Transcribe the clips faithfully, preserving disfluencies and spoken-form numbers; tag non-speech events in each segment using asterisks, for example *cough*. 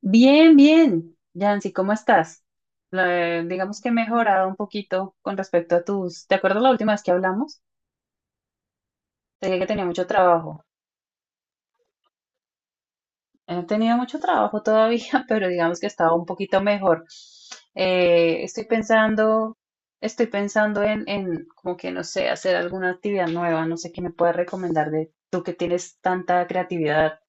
Bien, bien. Yancy, ¿cómo estás? La- digamos que he mejorado un poquito con respecto a tus... ¿Te acuerdas la última vez que hablamos? Te dije que tenía mucho trabajo. He tenido mucho trabajo todavía, *laughs* pero digamos que estaba un poquito mejor. Eh, estoy pensando, estoy pensando en, en como que no sé, hacer alguna actividad nueva. No sé qué me puedes recomendar de tú que tienes tanta creatividad.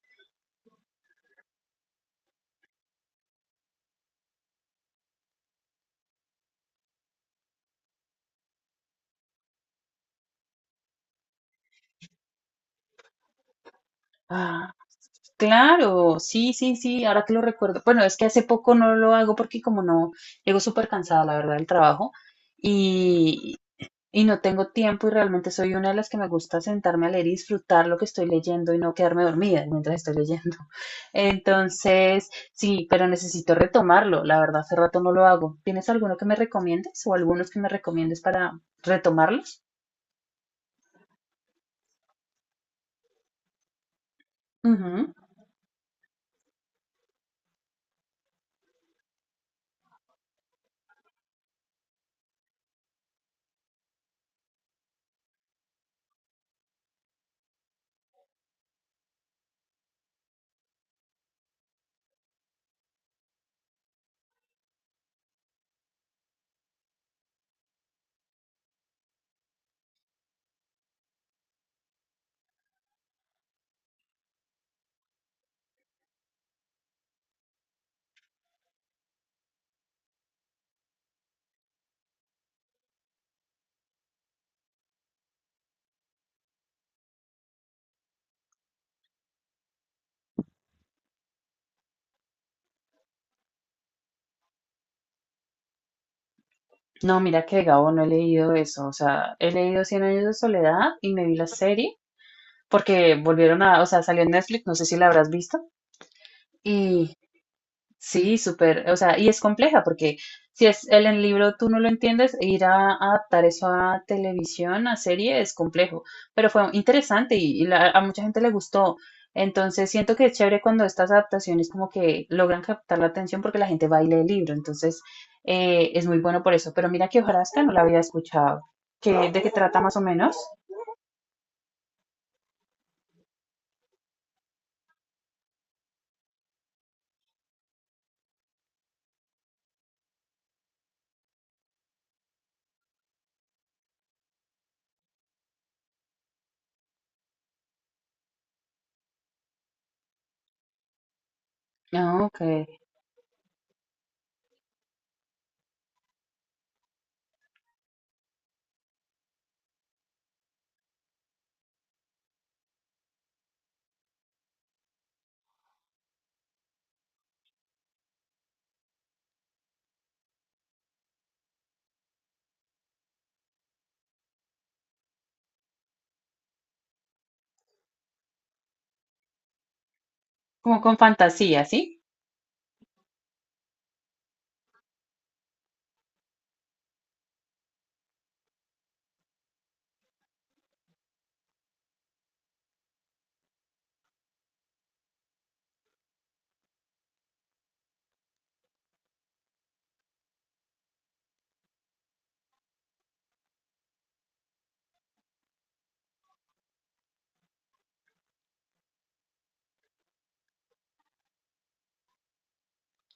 Ah, claro, sí, sí, sí, ahora que lo recuerdo. Bueno, es que hace poco no lo hago porque como no, llego súper cansada, la verdad, del trabajo y, y no tengo tiempo y realmente soy una de las que me gusta sentarme a leer y disfrutar lo que estoy leyendo y no quedarme dormida mientras estoy leyendo. *laughs* Entonces, sí, pero necesito retomarlo, la verdad, hace rato no lo hago. ¿Tienes alguno que me recomiendes o algunos que me recomiendes para retomarlos? No, mira que de Gabo no he leído eso. O sea, he leído Cien años de soledad y me vi la serie porque volvieron a, o sea, salió en Netflix, no sé si la habrás visto. Y sí, súper, o sea, y es compleja porque si es el, el libro tú no lo entiendes, ir a, a adaptar eso a televisión, a serie, es complejo, pero fue interesante y, y la- a mucha gente le gustó. Entonces siento que es chévere cuando estas adaptaciones como que logran captar la atención porque la gente va y lee el libro, entonces eh, es muy bueno por eso. Pero mira que Ojarasca no la había escuchado. ¿Qué, de qué trata más o menos? Ah, ok, como con fantasía, ¿sí?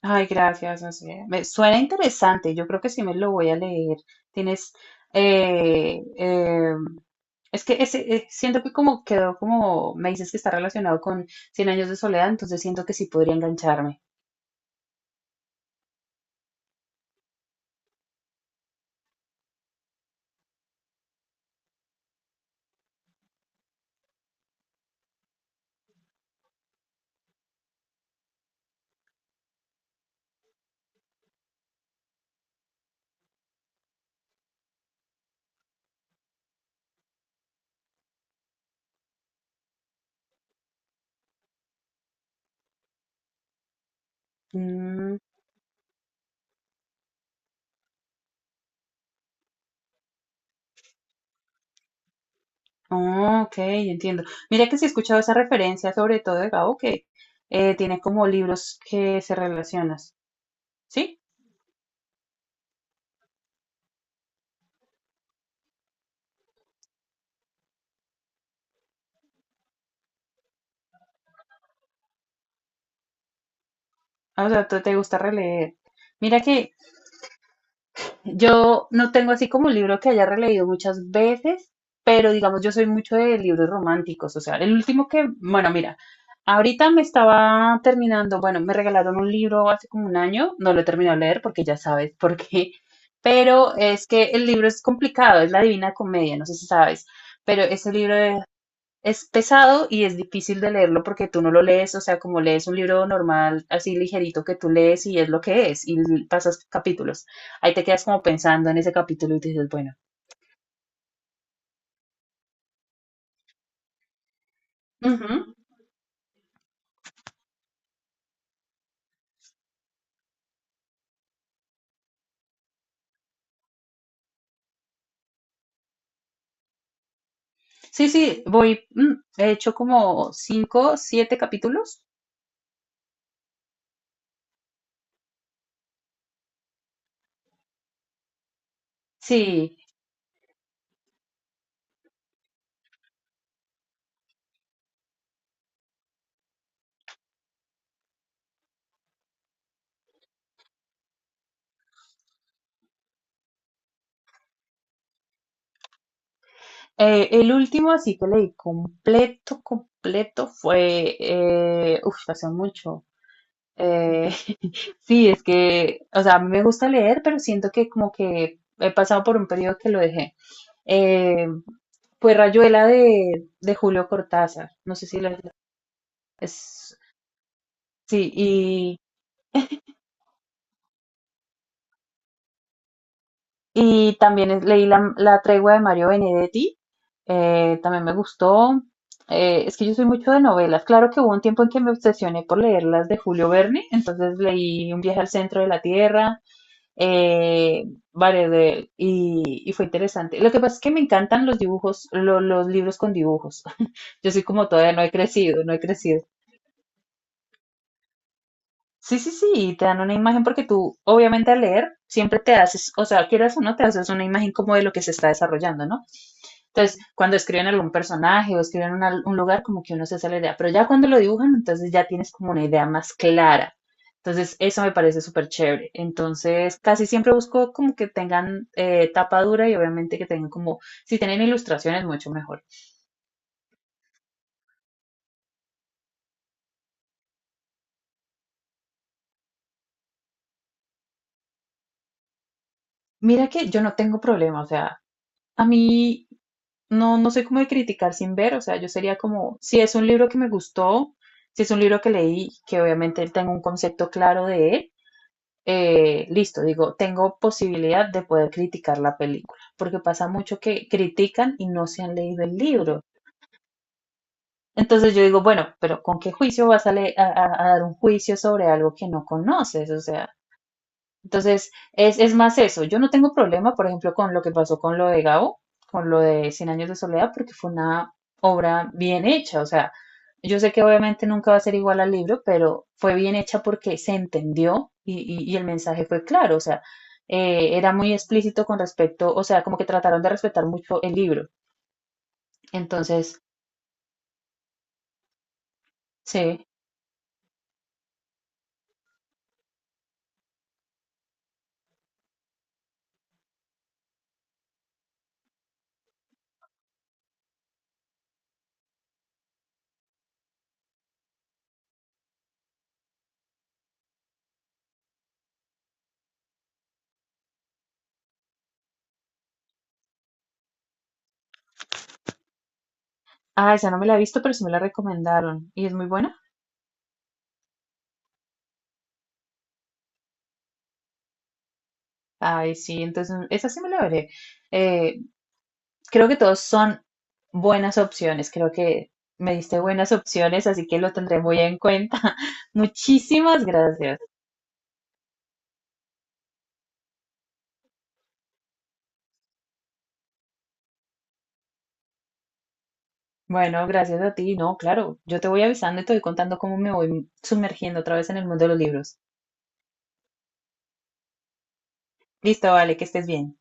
Ay, gracias. No sé, me suena interesante. Yo creo que sí me lo voy a leer. Tienes, eh, eh, es que ese, eh, siento que como quedó como, me dices que está relacionado con Cien años de soledad, entonces siento que sí podría engancharme. Mm, oh, ok, entiendo. Mira que sí he escuchado esa referencia, sobre todo de Gabo, que eh, tiene como libros que se relacionan. ¿Sí? O sea, ¿tú te gusta releer? Mira que yo no tengo así como un libro que haya releído muchas veces, pero digamos, yo soy mucho de libros románticos. O sea, el último que, bueno, mira, ahorita me estaba terminando, bueno, me regalaron un libro hace como un año, no lo he terminado de leer porque ya sabes por qué, pero es que el libro es complicado, es La Divina Comedia, no sé si sabes, pero ese libro de es pesado y es difícil de leerlo porque tú no lo lees, o sea, como lees un libro normal, así ligerito que tú lees y es lo que es, y pasas capítulos. Ahí te quedas como pensando en ese capítulo y te dices, bueno, ujú, sí, sí, voy, mm, he hecho como cinco, siete capítulos. Sí, eh, el último así que leí completo, completo fue, eh, uf, hace mucho. Eh, *laughs* sí, es que, o sea, a mí me gusta leer, pero siento que como que he pasado por un periodo que lo dejé. Eh, pues Rayuela de, de Julio Cortázar, no sé si lo es, sí, y, y también es- leí la, la tregua de Mario Benedetti, eh, también me gustó. Eh, es que yo soy mucho de novelas. Claro que hubo un tiempo en que me obsesioné por leer las de Julio Verne, entonces leí Un viaje al centro de la Tierra, eh, Varedel, y, y fue interesante. Lo que pasa es que me encantan los dibujos, lo- los libros con dibujos. *laughs* Yo soy como todavía no he crecido, no he crecido. Sí, sí, sí, y te dan una imagen porque tú, obviamente al leer, siempre te haces, o sea, quieras o no, te haces una imagen como de lo que se está desarrollando, ¿no? Entonces, cuando escriben algún personaje o escriben una- un lugar, como que uno se hace la idea, pero ya cuando lo dibujan, entonces ya tienes como una idea más clara. Entonces, eso me parece súper chévere. Entonces, casi siempre busco como que tengan eh, tapa dura y obviamente que tengan como, si tienen ilustraciones, mucho mejor. Mira que yo no tengo problema, o sea, a mí no, no soy como de criticar sin ver, o sea, yo sería como, si es un libro que me gustó, si es un libro que leí, que obviamente tengo un concepto claro de él, eh, listo, digo, tengo posibilidad de poder criticar la película, porque pasa mucho que critican y no se han leído el libro. Entonces yo digo, bueno, pero ¿con qué juicio vas a, le- a- a- a dar un juicio sobre algo que no conoces? O sea, entonces, es, es más eso. Yo no tengo problema, por ejemplo, con lo que pasó con lo de Gabo, con lo de Cien Años de Soledad, porque fue una obra bien hecha. O sea, yo sé que obviamente nunca va a ser igual al libro, pero fue bien hecha porque se entendió y, y- y el mensaje fue claro. O sea, eh, era muy explícito con respecto, o sea, como que trataron de respetar mucho el libro. Entonces, sí. Ah, esa no me la he visto, pero sí me la recomendaron. ¿Y es muy buena? Ay, sí, entonces esa sí me la veré. Eh, creo que todos son buenas opciones. Creo que me diste buenas opciones, así que lo tendré muy en cuenta. *laughs* Muchísimas gracias. Bueno, gracias a ti. No, claro, yo te voy avisando y te voy contando cómo me voy sumergiendo otra vez en el mundo de los libros. Listo, vale, que estés bien.